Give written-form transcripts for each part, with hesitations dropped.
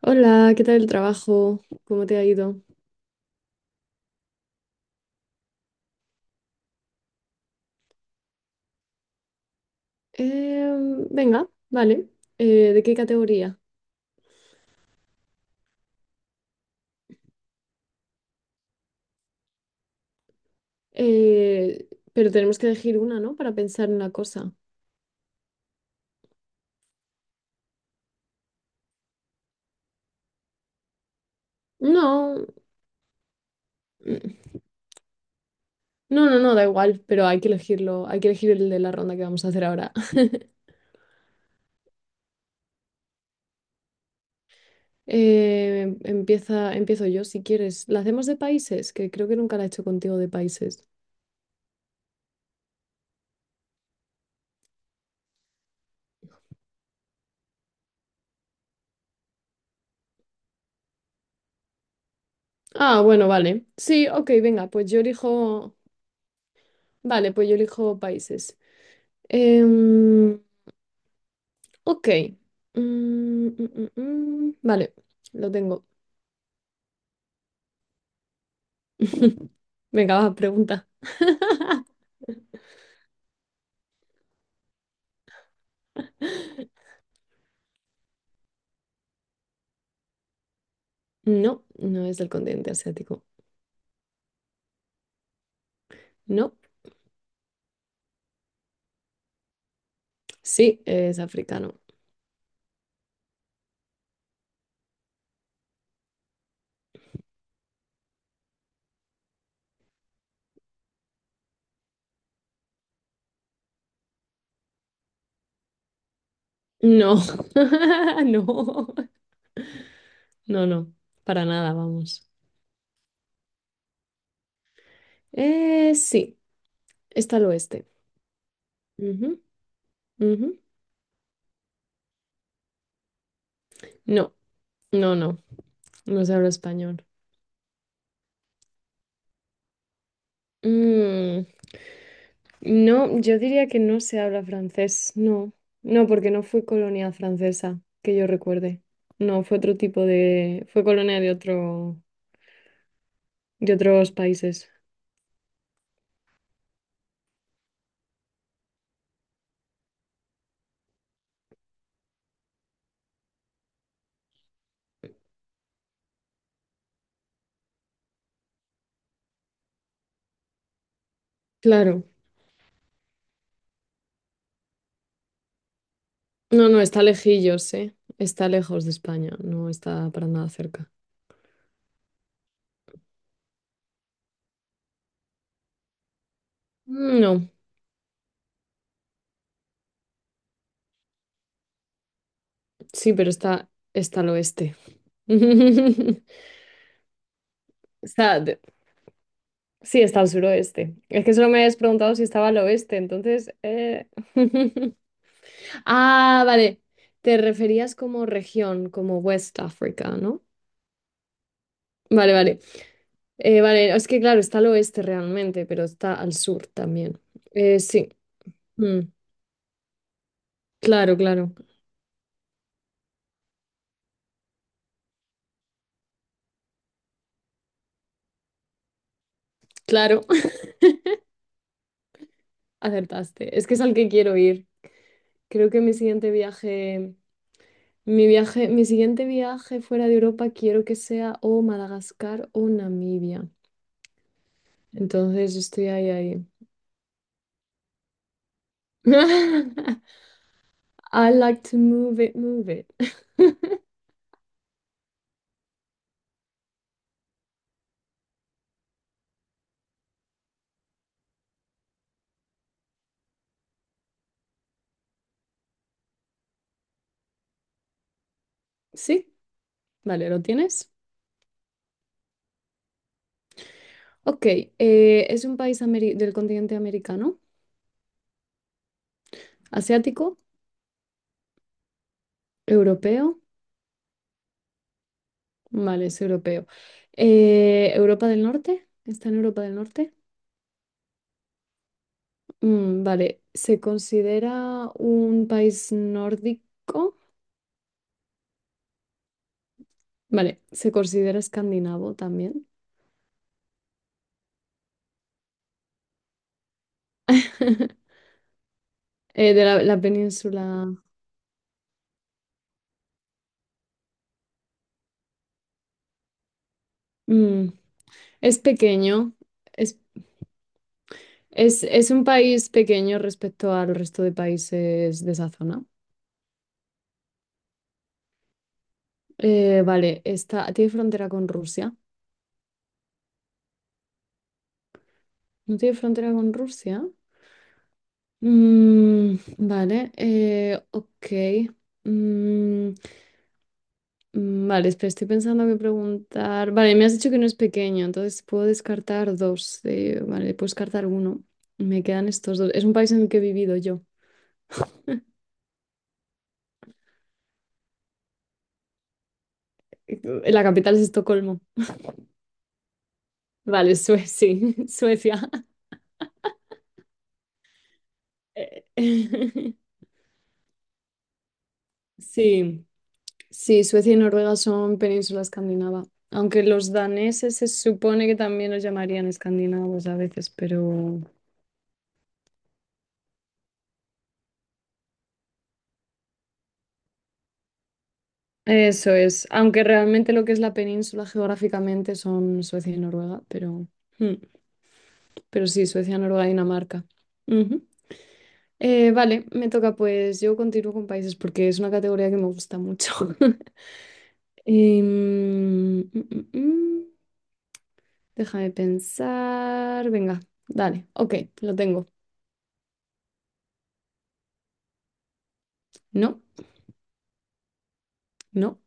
Hola, ¿qué tal el trabajo? ¿Cómo te ha ido? Venga, vale. ¿De qué categoría? Pero tenemos que elegir una, ¿no? Para pensar en la cosa. No, mm, no, no, no, da igual, pero hay que elegirlo, hay que elegir el de la ronda que vamos a hacer ahora. Empiezo yo si quieres. ¿La hacemos de países? Que creo que nunca la he hecho contigo de países. Ah, bueno, vale. Sí, ok, venga, pues yo elijo. Vale, pues yo elijo países. Em, Ok. Mm, mm, mm. Vale, lo tengo. Venga, vas, pregunta. No, no es del continente asiático. No, sí, es africano. No, no, no, no, para nada, vamos. Sí, está al oeste. Ujú, ujú. No, no, no, no se habla español. Mm, No, yo diría que no se habla francés, no. No, porque no fue colonia francesa, que yo recuerde. No, fue otro tipo de fue colonia de otro, de otros países. Claro. No, no, está lejillos, ¿eh? Está lejos de España, no está para nada cerca. No, sí, pero está al oeste. Está, Sí, está al suroeste. Es que solo me habías preguntado si estaba al oeste, entonces Ah, vale. Te referías como región, como West Africa, ¿no? Vale, vale. Vale, es que claro, está al oeste realmente, pero está al sur también. Sí. Mm, Claro, claro. Claro, acertaste. Es que es al que quiero ir. Creo que mi siguiente viaje, mi siguiente viaje fuera de Europa quiero que sea o Madagascar o Namibia. Entonces estoy ahí, ahí. I like to move it, move it. ¿Sí? Vale, ¿lo tienes? Ok, es un país ameri- del continente americano, asiático, europeo. Vale, es europeo. ¿Europa del Norte? ¿Está en Europa del Norte? Mm, vale, ¿se considera un país nórdico? Vale, ¿se considera escandinavo también? La península. Mm, es pequeño. es es un país pequeño respecto al resto de países de esa zona. Vale, tiene frontera con Rusia. ¿No tiene frontera con Rusia? Mm, vale, ok. Mm, vale, espera, estoy pensando que preguntar. Vale, me has dicho que no es pequeño, entonces puedo descartar dos. Vale, puedo descartar uno. Me quedan estos dos. Es un país en el que he vivido yo. La capital es Estocolmo. Vale, Suecia, sí, Suecia. Eh, Sí, sí, Suecia y Noruega son península escandinava, aunque los daneses se supone que también los llamarían escandinavos a veces, pero eso es, aunque realmente lo que es la península geográficamente son Suecia y Noruega, pero, mm, pero sí, Suecia, Noruega y Dinamarca. Ujú. Vale, me toca pues, yo continúo con países porque es una categoría que me gusta mucho. Em, mm, mm, mm, mm. Déjame pensar, venga, dale, ok, lo tengo. ¿No? No,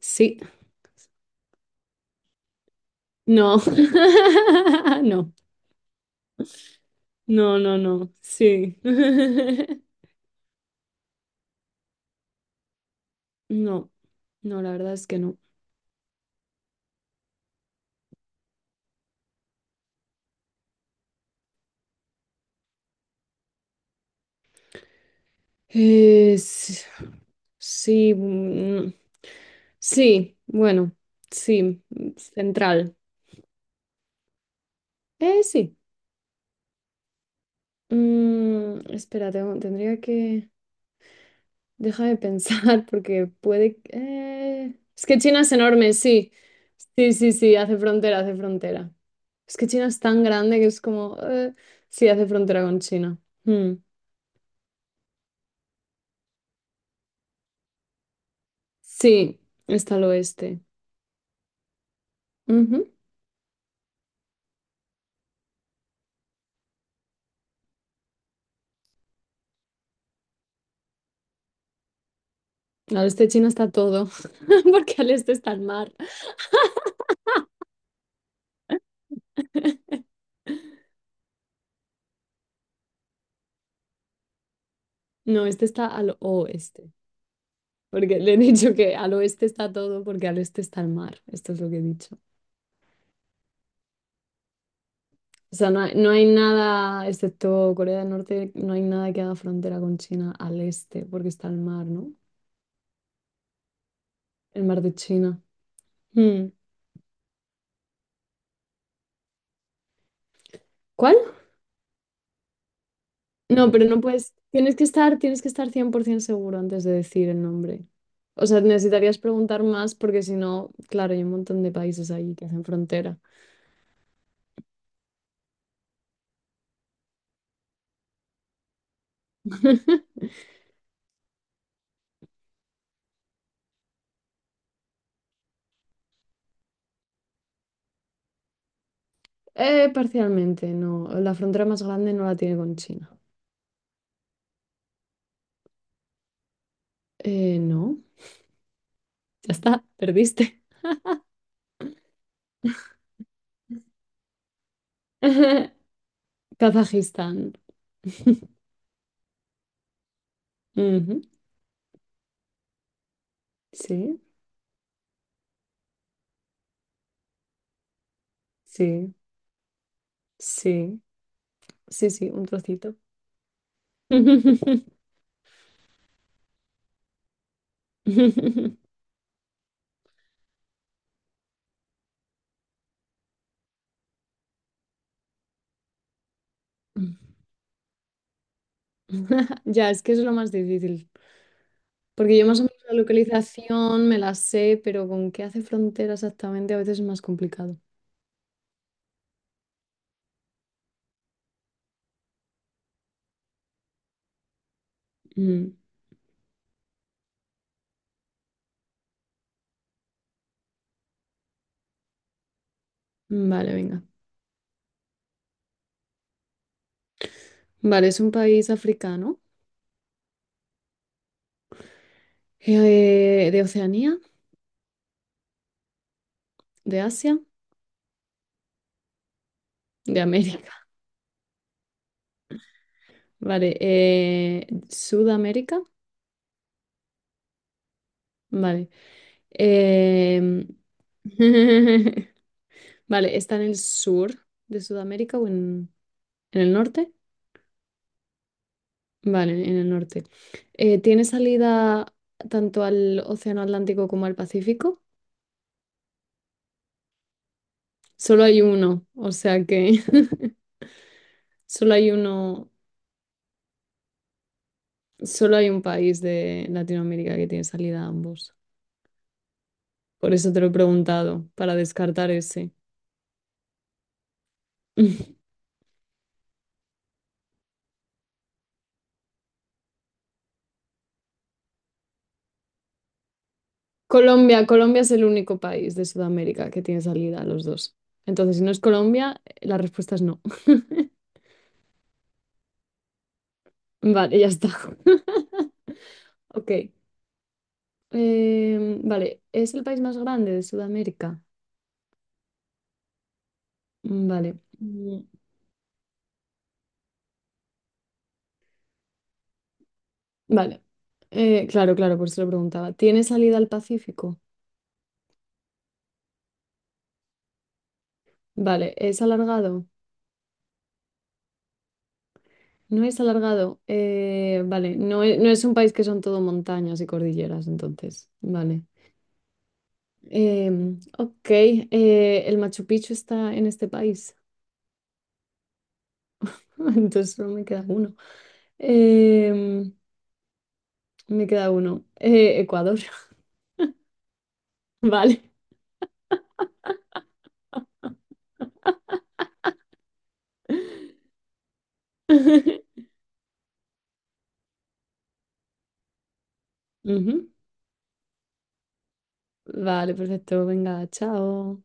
sí, no, no, no, no, no, sí, no, no, la verdad es que no. Es Sí, sí, bueno, sí, central. Sí. Mm, tendría que Déjame pensar, porque puede Es que China es enorme, sí. Sí, sí, sí, hace frontera. Es que China es tan grande que es como Sí, hace frontera con China. Mm. Sí, está al oeste. Ujú. Al este de China está todo, porque al este está el mar. No, este está al oeste, porque le he dicho que al oeste está todo, porque al este está el mar. Esto es lo que he dicho. O sea, no hay nada, excepto Corea del Norte, no hay nada que haga frontera con China al este, porque está el mar, ¿no? El mar de China. Hmm. ¿Cuál? No, pero no puedes. Tienes que estar 100% seguro antes de decir el nombre. O sea, necesitarías preguntar más porque si no, claro, hay un montón de países ahí que hacen frontera. Parcialmente, no. La frontera más grande no la tiene con China. No. Ya está, perdiste. Kazajistán. Ujú. Sí, sí, sí, sí, sí, un trocito. Ya, es que es lo más difícil. Porque yo más o menos la localización me la sé, pero con qué hace frontera exactamente a veces es más complicado. Mm, Vale, venga. Vale, es un país africano, de Oceanía, de Asia, de América. Vale, Sudamérica. Vale. em, Vale, ¿está en el sur de Sudamérica o en, ¿en el norte? Vale, en el norte. ¿Tiene salida tanto al Océano Atlántico como al Pacífico? Solo hay uno, o sea que solo hay uno, solo hay un país de Latinoamérica que tiene salida a ambos. Por eso te lo he preguntado, para descartar ese. Colombia, Colombia es el único país de Sudamérica que tiene salida a los dos. Entonces, si no es Colombia, la respuesta es no. Vale, ya está. Ok. Vale, ¿es el país más grande de Sudamérica? Mm, Vale. Mm, Vale. Claro, claro, por eso lo preguntaba. ¿Tiene salida al Pacífico? Vale, ¿es alargado? No es alargado. Vale, no es un país que son todo montañas y cordilleras, entonces. Vale. Ok, el Machu Picchu está en este país, entonces solo me queda uno. Em, Me queda uno. Ecuador, vale. Ujú. Vale, perfecto. Venga, chao.